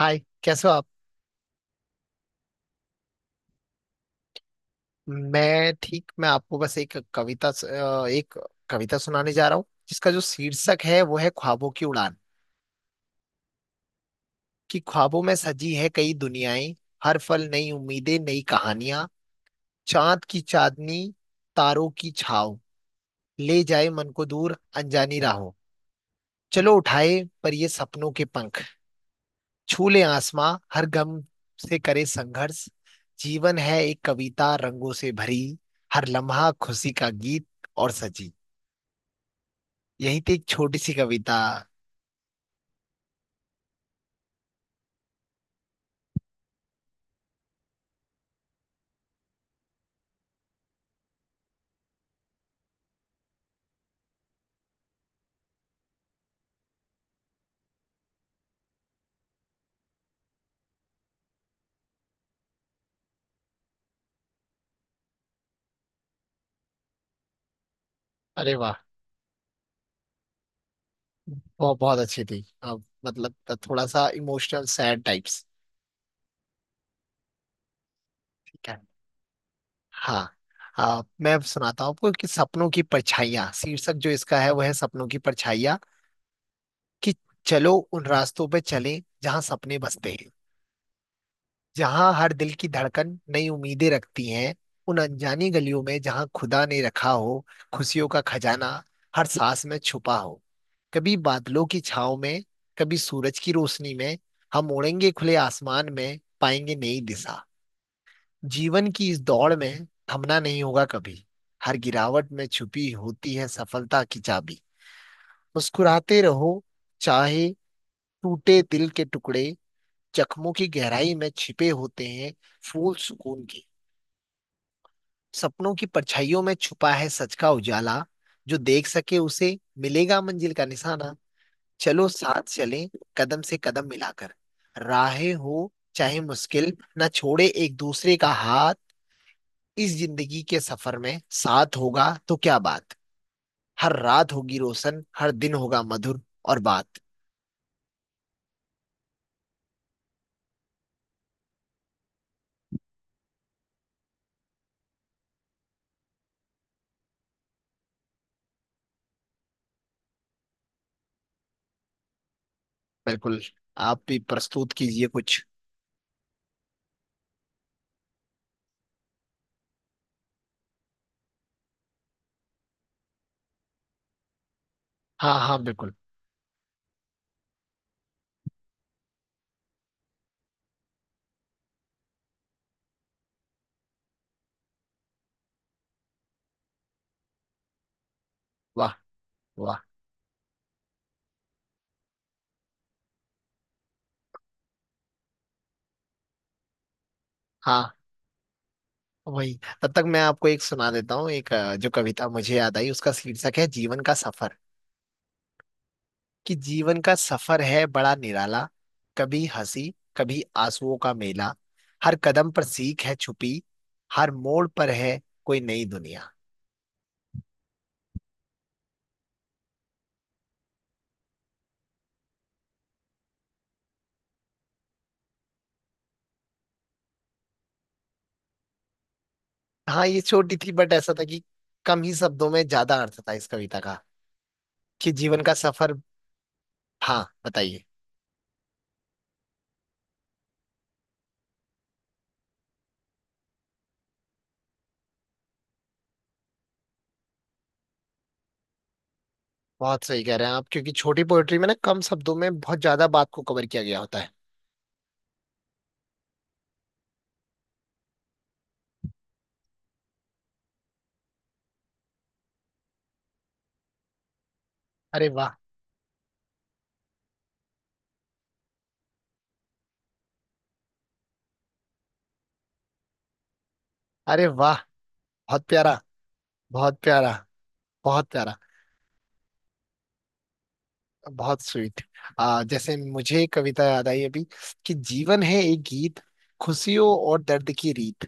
हाय। कैसे हो आप। मैं ठीक। मैं आपको बस एक कविता सुनाने जा रहा हूँ जिसका जो शीर्षक है वो है ख्वाबों की उड़ान। कि ख्वाबों में सजी है कई दुनियाएं। हर पल नई उम्मीदें नई कहानियां। चांद की चांदनी। तारों की छाव। ले जाए मन को दूर अनजानी राहों। चलो उठाए पर ये सपनों के पंख। छू ले आसमां हर गम से करे संघर्ष। जीवन है एक कविता रंगों से भरी। हर लम्हा खुशी का गीत और सजी। यही थी एक छोटी सी कविता। अरे वाह। बहुत बहुत अच्छी थी। अब मतलब थोड़ा सा इमोशनल सैड टाइप्स। ठीक है। हाँ। मैं अब सुनाता हूँ आपको कि सपनों की परछाइयाँ शीर्षक जो इसका है वह है सपनों की परछाइयाँ। कि चलो उन रास्तों पे चलें जहाँ सपने बसते हैं। जहाँ हर दिल की धड़कन नई उम्मीदें रखती हैं। उन अनजानी गलियों में जहाँ खुदा ने रखा हो खुशियों का खजाना। हर सांस में छुपा हो। कभी बादलों की छाव में कभी सूरज की रोशनी में हम उड़ेंगे खुले आसमान में पाएंगे नई दिशा। जीवन की इस दौड़ में थमना नहीं होगा कभी। हर गिरावट में छुपी होती है सफलता की चाबी। मुस्कुराते रहो चाहे टूटे दिल के टुकड़े। जख्मों की गहराई में छिपे होते हैं फूल सुकून के। सपनों की परछाइयों में छुपा है सच का उजाला। जो देख सके उसे मिलेगा मंजिल का निशाना। चलो साथ चलें कदम से कदम मिलाकर। राहें हो चाहे मुश्किल न छोड़े एक दूसरे का हाथ। इस जिंदगी के सफर में साथ होगा तो क्या बात। हर रात होगी रोशन हर दिन होगा मधुर और बात। बिल्कुल। आप भी प्रस्तुत कीजिए कुछ। हाँ हाँ बिल्कुल। वाह वाह। हाँ। वही। तब तक मैं आपको एक सुना देता हूँ एक जो कविता मुझे याद आई उसका शीर्षक है जीवन का सफर। कि जीवन का सफर है बड़ा निराला। कभी हंसी कभी आंसुओं का मेला। हर कदम पर सीख है छुपी। हर मोड़ पर है कोई नई दुनिया। हाँ ये छोटी थी बट ऐसा था कि कम ही शब्दों में ज्यादा अर्थ था इस कविता का। कि जीवन का सफर। हाँ बताइए। बहुत सही कह रहे हैं आप क्योंकि छोटी पोएट्री में ना कम शब्दों में बहुत ज्यादा बात को कवर किया गया होता है। अरे वाह। अरे वाह। बहुत प्यारा। बहुत प्यारा। बहुत प्यारा। बहुत स्वीट। आ जैसे मुझे एक कविता याद आई अभी। कि जीवन है एक गीत। खुशियों और दर्द की रीत।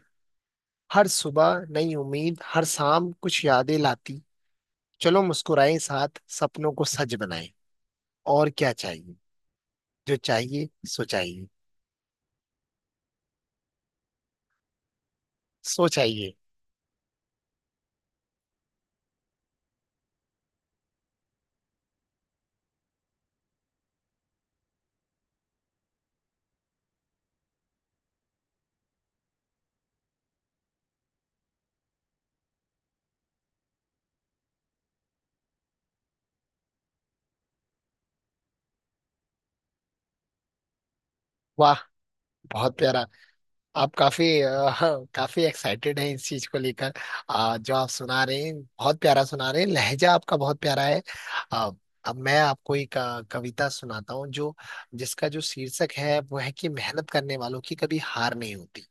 हर सुबह नई उम्मीद हर शाम कुछ यादें लाती। चलो मुस्कुराएं साथ सपनों को सच बनाएं। और क्या चाहिए जो चाहिए सो चाहिए। सो चाहिए। वाह। बहुत प्यारा। आप काफी काफी एक्साइटेड हैं इस चीज को लेकर। जो आप सुना रहे हैं बहुत प्यारा सुना रहे हैं लहजा आपका बहुत प्यारा है। अ, अब मैं आपको एक कविता सुनाता हूँ जो जिसका जो शीर्षक है वो है कि मेहनत करने वालों की कभी हार नहीं होती।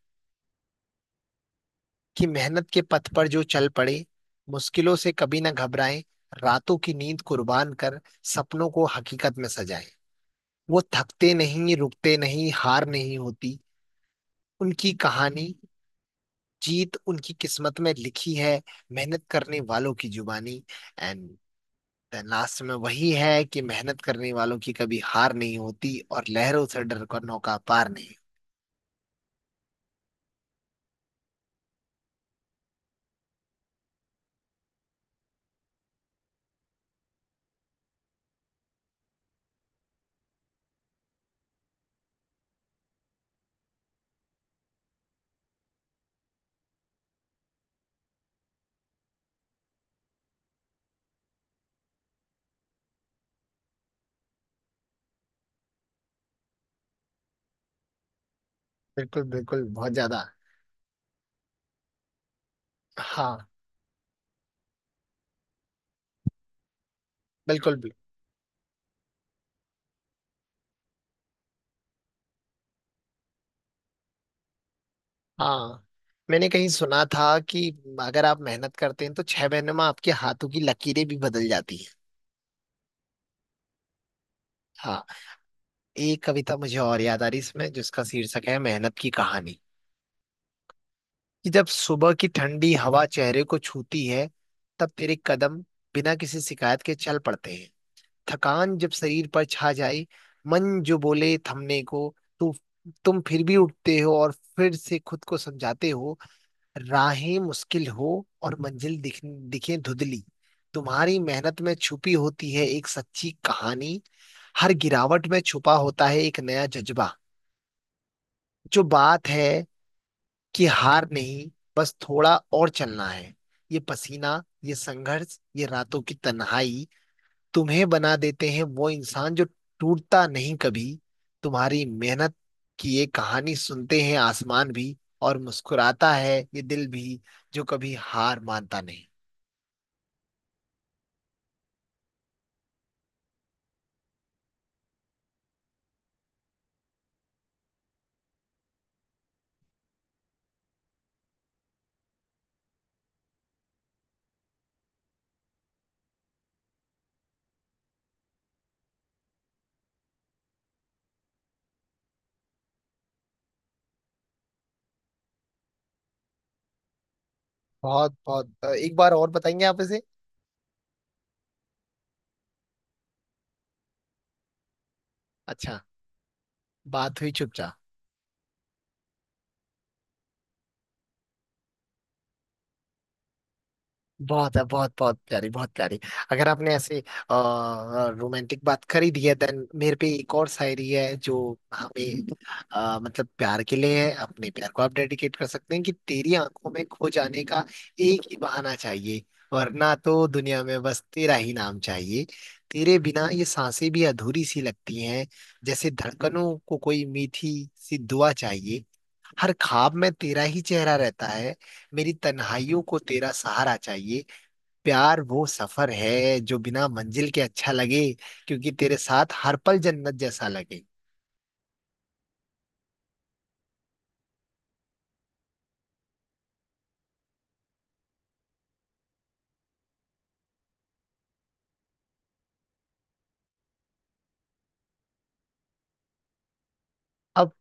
कि मेहनत के पथ पर जो चल पड़े मुश्किलों से कभी ना घबराएं। रातों की नींद कुर्बान कर सपनों को हकीकत में सजाएं। वो थकते नहीं रुकते नहीं हार नहीं होती उनकी कहानी। जीत उनकी किस्मत में लिखी है मेहनत करने वालों की जुबानी। एंड लास्ट में वही है कि मेहनत करने वालों की कभी हार नहीं होती और लहरों से डर कर नौका पार नहीं। बिल्कुल बिल्कुल बहुत ज्यादा। हाँ। बिल्कुल भी। हाँ। मैंने कहीं सुना था कि अगर आप मेहनत करते हैं तो छह महीने में आपके हाथों की लकीरें भी बदल जाती हैं। हाँ। एक कविता मुझे और याद आ रही इसमें जिसका शीर्षक है मेहनत की कहानी। कि जब सुबह की ठंडी हवा चेहरे को छूती है तब तेरे कदम बिना किसी शिकायत के चल पड़ते हैं। थकान जब शरीर पर छा जाए मन जो बोले थमने को तू तुम फिर भी उठते हो और फिर से खुद को समझाते हो। राहें मुश्किल हो और मंजिल दिखे धुंधली। तुम्हारी मेहनत में छुपी होती है एक सच्ची कहानी। हर गिरावट में छुपा होता है एक नया जज्बा। जो बात है कि हार नहीं बस थोड़ा और चलना है। ये पसीना ये संघर्ष ये रातों की तन्हाई तुम्हें बना देते हैं वो इंसान जो टूटता नहीं कभी। तुम्हारी मेहनत की ये कहानी सुनते हैं आसमान भी और मुस्कुराता है ये दिल भी जो कभी हार मानता नहीं। बहुत बहुत एक बार और बताएंगे आप इसे। अच्छा। बात हुई चुपचाप। बहुत है बहुत बहुत प्यारी बहुत प्यारी। अगर आपने ऐसे रोमांटिक बात करी दी है देन मेरे पे एक और शायरी है जो हमें मतलब प्यार के लिए है अपने प्यार को आप डेडिकेट कर सकते हैं कि तेरी आंखों में खो जाने का एक ही बहाना चाहिए। वरना तो दुनिया में बस तेरा ही नाम चाहिए। तेरे बिना ये सांसें भी अधूरी सी लगती हैं जैसे धड़कनों को कोई मीठी सी दुआ चाहिए। हर ख्वाब में तेरा ही चेहरा रहता है मेरी तन्हाइयों को तेरा सहारा चाहिए। प्यार वो सफर है जो बिना मंजिल के अच्छा लगे क्योंकि तेरे साथ हर पल जन्नत जैसा लगे। अब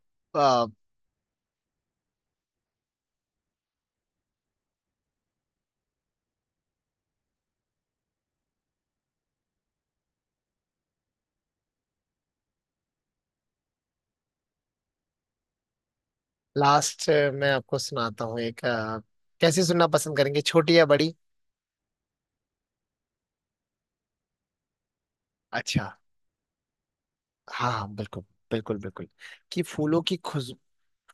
लास्ट मैं आपको सुनाता हूँ एक कैसे सुनना पसंद करेंगे छोटी या बड़ी। अच्छा। हाँ हाँ बिल्कुल। बिल्कुल बिल्कुल। कि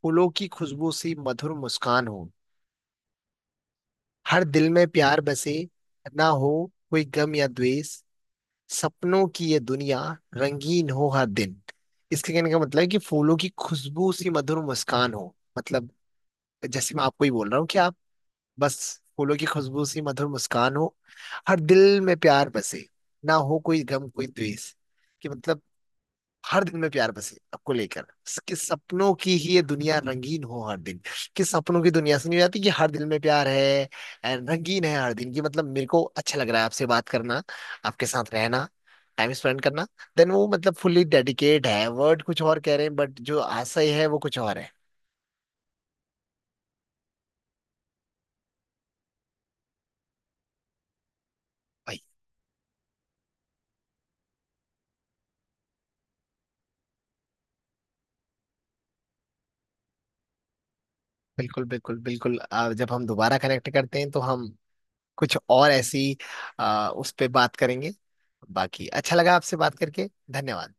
फूलों की खुशबू सी मधुर मुस्कान हो हर दिल में प्यार बसे। ना हो कोई गम या द्वेष। सपनों की ये दुनिया रंगीन हो हर दिन। इसके कहने का मतलब है कि फूलों की खुशबू सी मधुर मुस्कान हो मतलब जैसे मैं आपको ही बोल रहा हूँ कि आप बस फूलों की खुशबू सी मधुर मुस्कान हो। हर दिल में प्यार बसे। ना हो कोई गम कोई द्वेष। कि मतलब हर दिन में प्यार बसे आपको लेकर। कि सपनों की ही ये दुनिया रंगीन हो हर दिन। कि सपनों की दुनिया सुनी जाती कि हर दिल में प्यार है and रंगीन है हर दिन की मतलब मेरे को अच्छा लग रहा है आपसे बात करना। आपके साथ रहना। टाइम स्पेंड करना। देन वो मतलब फुल्ली डेडिकेट है वर्ड कुछ और कह रहे हैं बट जो आशय है वो कुछ और है। भाई। बिल्कुल बिल्कुल बिल्कुल जब हम दोबारा कनेक्ट करते हैं तो हम कुछ और ऐसी उस पे बात करेंगे। बाकी अच्छा लगा आपसे बात करके। धन्यवाद।